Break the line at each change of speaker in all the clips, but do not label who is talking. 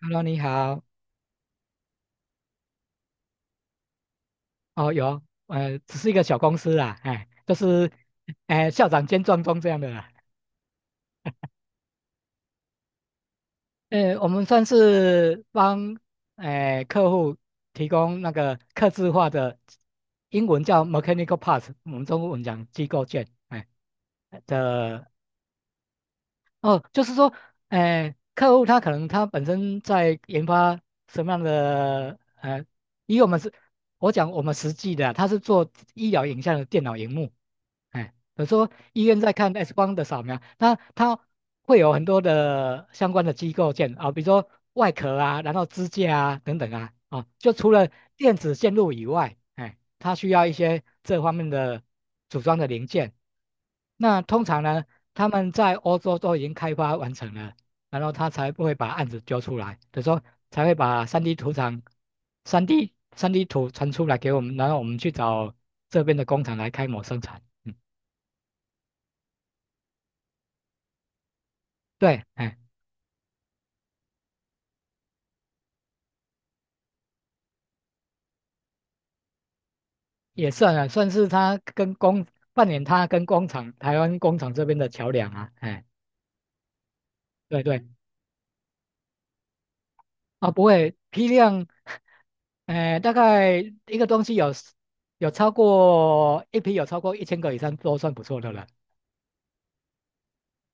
Hello，你好。哦，有，只是一个小公司啦，就是，校长兼壮钟这样的啦。我们算是帮，客户提供那个客制化的，英文叫 mechanical parts，我们中文讲机构件，的哦，就是说，客户他可能本身在研发什么样的，以我们是，我讲我们实际的啊他是做医疗影像的电脑荧幕，比如说医院在看 X 光的扫描，那它会有很多的相关的机构件啊、比如说外壳啊，然后支架啊等等啊，就除了电子线路以外，它需要一些这方面的组装的零件。那通常呢，他们在欧洲都已经开发完成了，然后他才不会把案子揪出来，就说才会把三 d 图传出来给我们，然后我们去找这边的工厂来开模生产。嗯，对，也算啊，算是他跟工扮演他跟工厂、台湾工厂这边的桥梁啊。对对，不会批量，大概一个东西有有超过一批有超过1000个以上都算不错的了。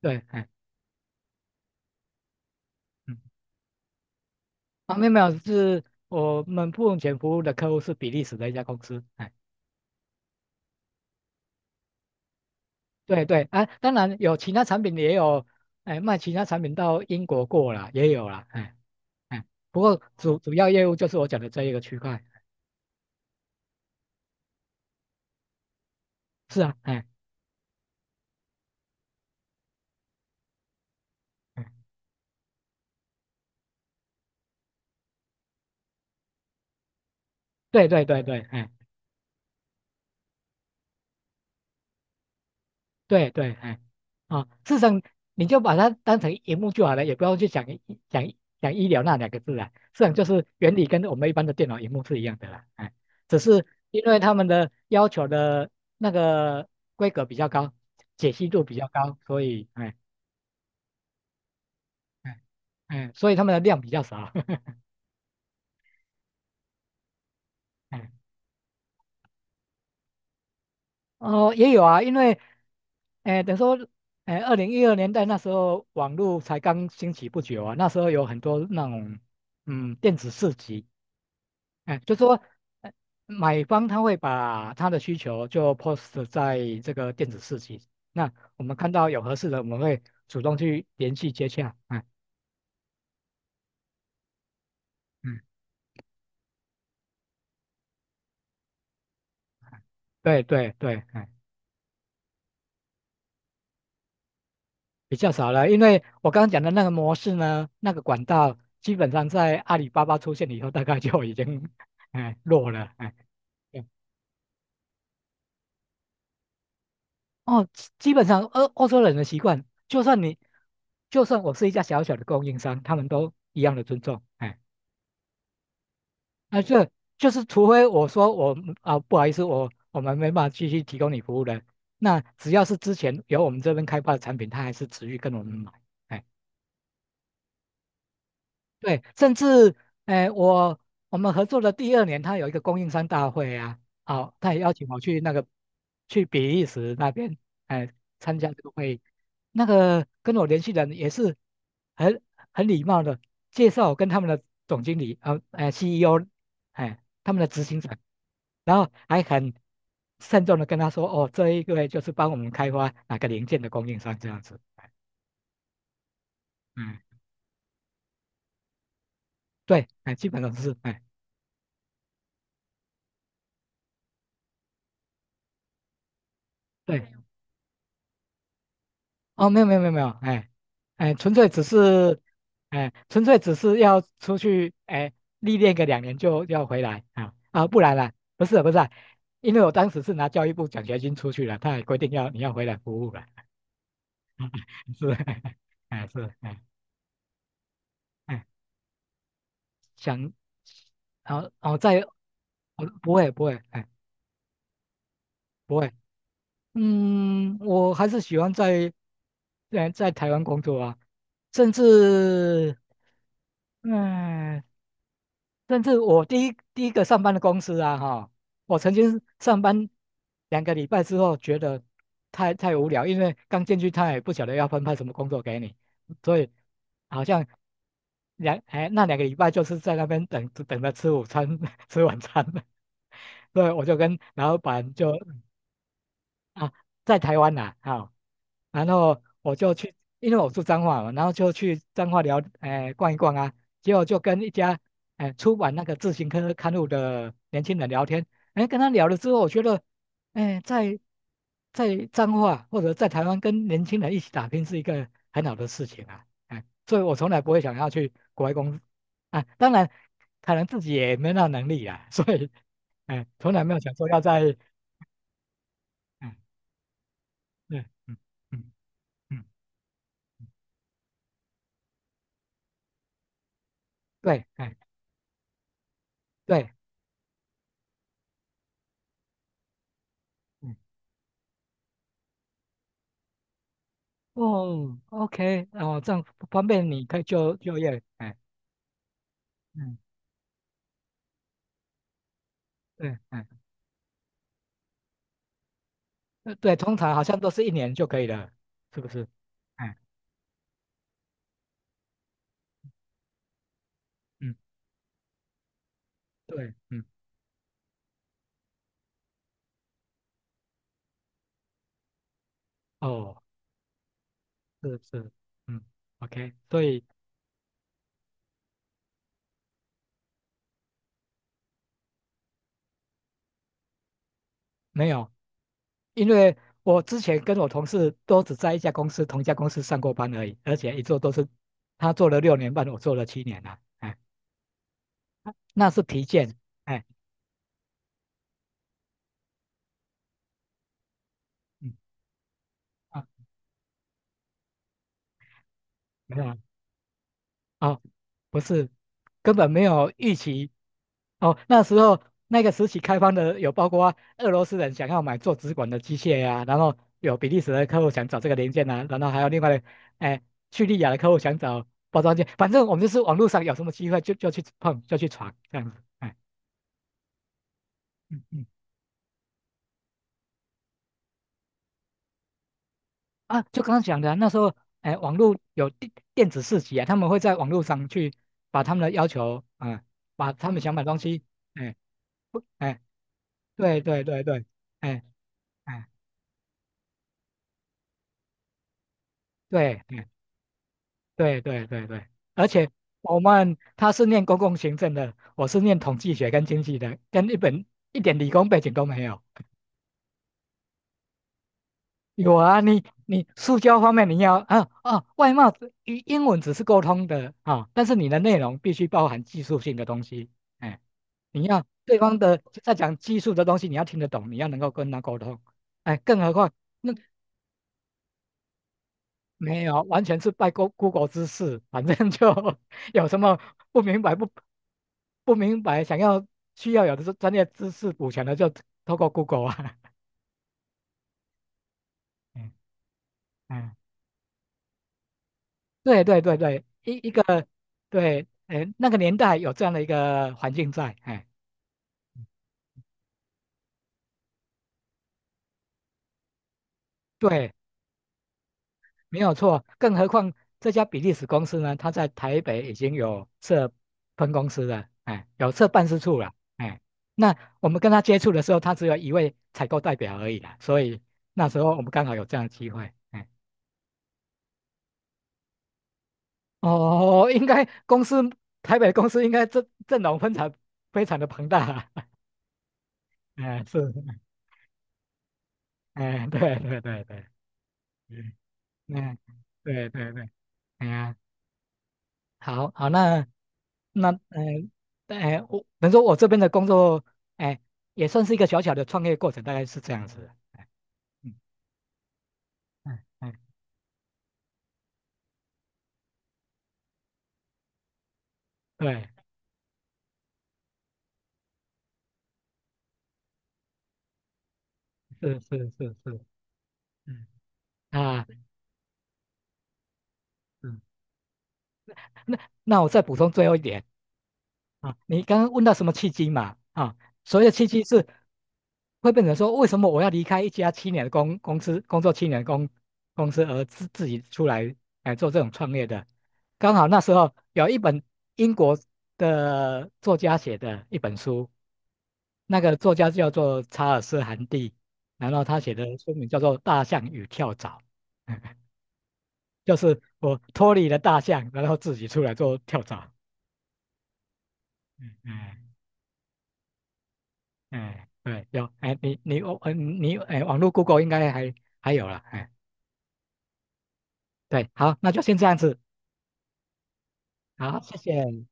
对，嗯，没有没有，是我们目前服务的客户是比利时的一家公司。对对，当然有其他产品也有，卖其他产品到英国过了也有了，哎，不过主要业务就是我讲的这一个区块。是啊，哎对对对对，对对，事实上你就把它当成荧幕就好了，也不要去讲讲讲医疗那两个字啦。事实上就是原理跟我们一般的电脑荧幕是一样的啦，只是因为他们的要求的那个规格比较高，解析度比较高，所以哎所以他们的量比较少。哎哦，也有啊，因为，等于说，2012年代那时候网络才刚兴起不久啊，那时候有很多那种，嗯，电子市集，就说呃买方他会把他的需求就 post 在这个电子市集，那我们看到有合适的，我们会主动去联系接洽。嗯，对对对，比较少了，因为我刚刚讲的那个模式呢，那个管道基本上在阿里巴巴出现以后，大概就已经弱了。对哦，基本上欧洲人的习惯，就算你，就算我是一家小小的供应商，他们都一样的尊重。这就是除非我说我们不好意思，我们没办法继续提供你服务了。那只要是之前由我们这边开发的产品，他还是持续跟我们买。哎对，甚至，哎、我我们合作的第二年，他有一个供应商大会啊，好、他也邀请我去去比利时那边，哎、参加这个会议。那个跟我联系人也是很很礼貌的，介绍我跟他们的总经理，CEO，他们的执行长，然后还很慎重的跟他说，哦，这一位就是帮我们开发哪个零件的供应商这样子，嗯，对，基本上是，对，哦，没有没有没有没有，哎，纯粹只是，纯粹只是要出去，历练个2年就要回来啊不然啦，不是啊因为我当时是拿教育部奖学金出去了，他也规定你要回来服务了，是，是，哎，想，然后然后再，不会不会，不会，嗯，我还是喜欢在在台湾工作啊，甚至。嗯，甚至我第一个上班的公司啊，哈，我曾经上班两个礼拜之后，觉得太无聊，因为刚进去他也不晓得要分派什么工作给你，所以好像那两个礼拜就是在那边等着吃午餐，吃晚餐，所以我就跟老板就啊，在台湾呐、好，然后我就去，因为我住彰化嘛，然后就去彰化聊，逛一逛啊，结果就跟一家，出版那个自行车刊物的年轻人聊天，跟他聊了之后，我觉得，哎、在在彰化或者在台湾跟年轻人一起打拼是一个很好的事情啊，所以我从来不会想要去国外工作啊，当然可能自己也没那能力啊，所以，从来没有想说要在，嗯对嗯嗯嗯对，对，嗯，哦，OK，哦，这样方便你可以就业，嗯，对，呃对，通常好像都是1年就可以了，是不是？哎，嗯，对，嗯，哦，是是，嗯，OK，所以没有，因为我之前跟我同事都只在一家公司，同一家公司上过班而已，而且一做都是他做了6年半，我做了七年了，那是疲倦，哎，嗯，啊，没有，啊，不是，根本没有预期。哦，那时候那个时期开放的有包括俄罗斯人想要买做直管的机械呀、然后有比利时的客户想找这个零件啊，然后还有另外的，哎，叙利亚的客户想找包装件，反正我们就是网络上有什么机会就去碰，就去闯这样子。嗯嗯，就刚刚讲的啊那时候，网络有电子市集啊，他们会在网络上去把他们的要求，把他们想买的东西，哎。不，对对对对，哎哎，对对对对对，而且他是念公共行政的，我是念统计学跟经济的，跟一本一点理工背景都没有。有啊，你塑胶方面你要，外貌只英英文只是沟通的啊，但是你的内容必须包含技术性的东西，哎，你要对方的在讲技术的东西，你要听得懂，你要能够跟他沟通，更何况。那。没有，完全是拜 Google 之赐，反正就 有什么不不明白，想要需要有的是专业知识补全的，就透过 Google 啊。嗯嗯，对对对对，一个对，那个年代有这样的一个环境在，对。没有错，更何况这家比利时公司呢，它在台北已经有设分公司了，有设办事处了，那我们跟他接触的时候，他只有一位采购代表而已啦，所以那时候我们刚好有这样的机会，哦，应该台北公司应该阵容非常非常的庞大啦，是，对对对对，嗯，嗯对对对，哎呀，好好那。那呃，我能说我这边的工作，哎、也算是一个小小的创业过程，大概是这样子。嗯嗯嗯，对，是是是是，嗯啊，嗯，那那我再补充最后一点，你刚刚问到什么契机嘛？所谓的契机是会变成说，为什么我要离开一家七年的公司，工作七年的公司，而自己出来来做这种创业的？刚好那时候有一本英国的作家写的一本书，那个作家叫做查尔斯·韩蒂，然后他写的书名叫做《大象与跳蚤》，就是我脱离了大象，然后自己出来做跳蚤。嗯对，有，哎，你你哦，嗯，你哎，网络 Google 应该还有了，对，好，那就先这样子，好，谢谢。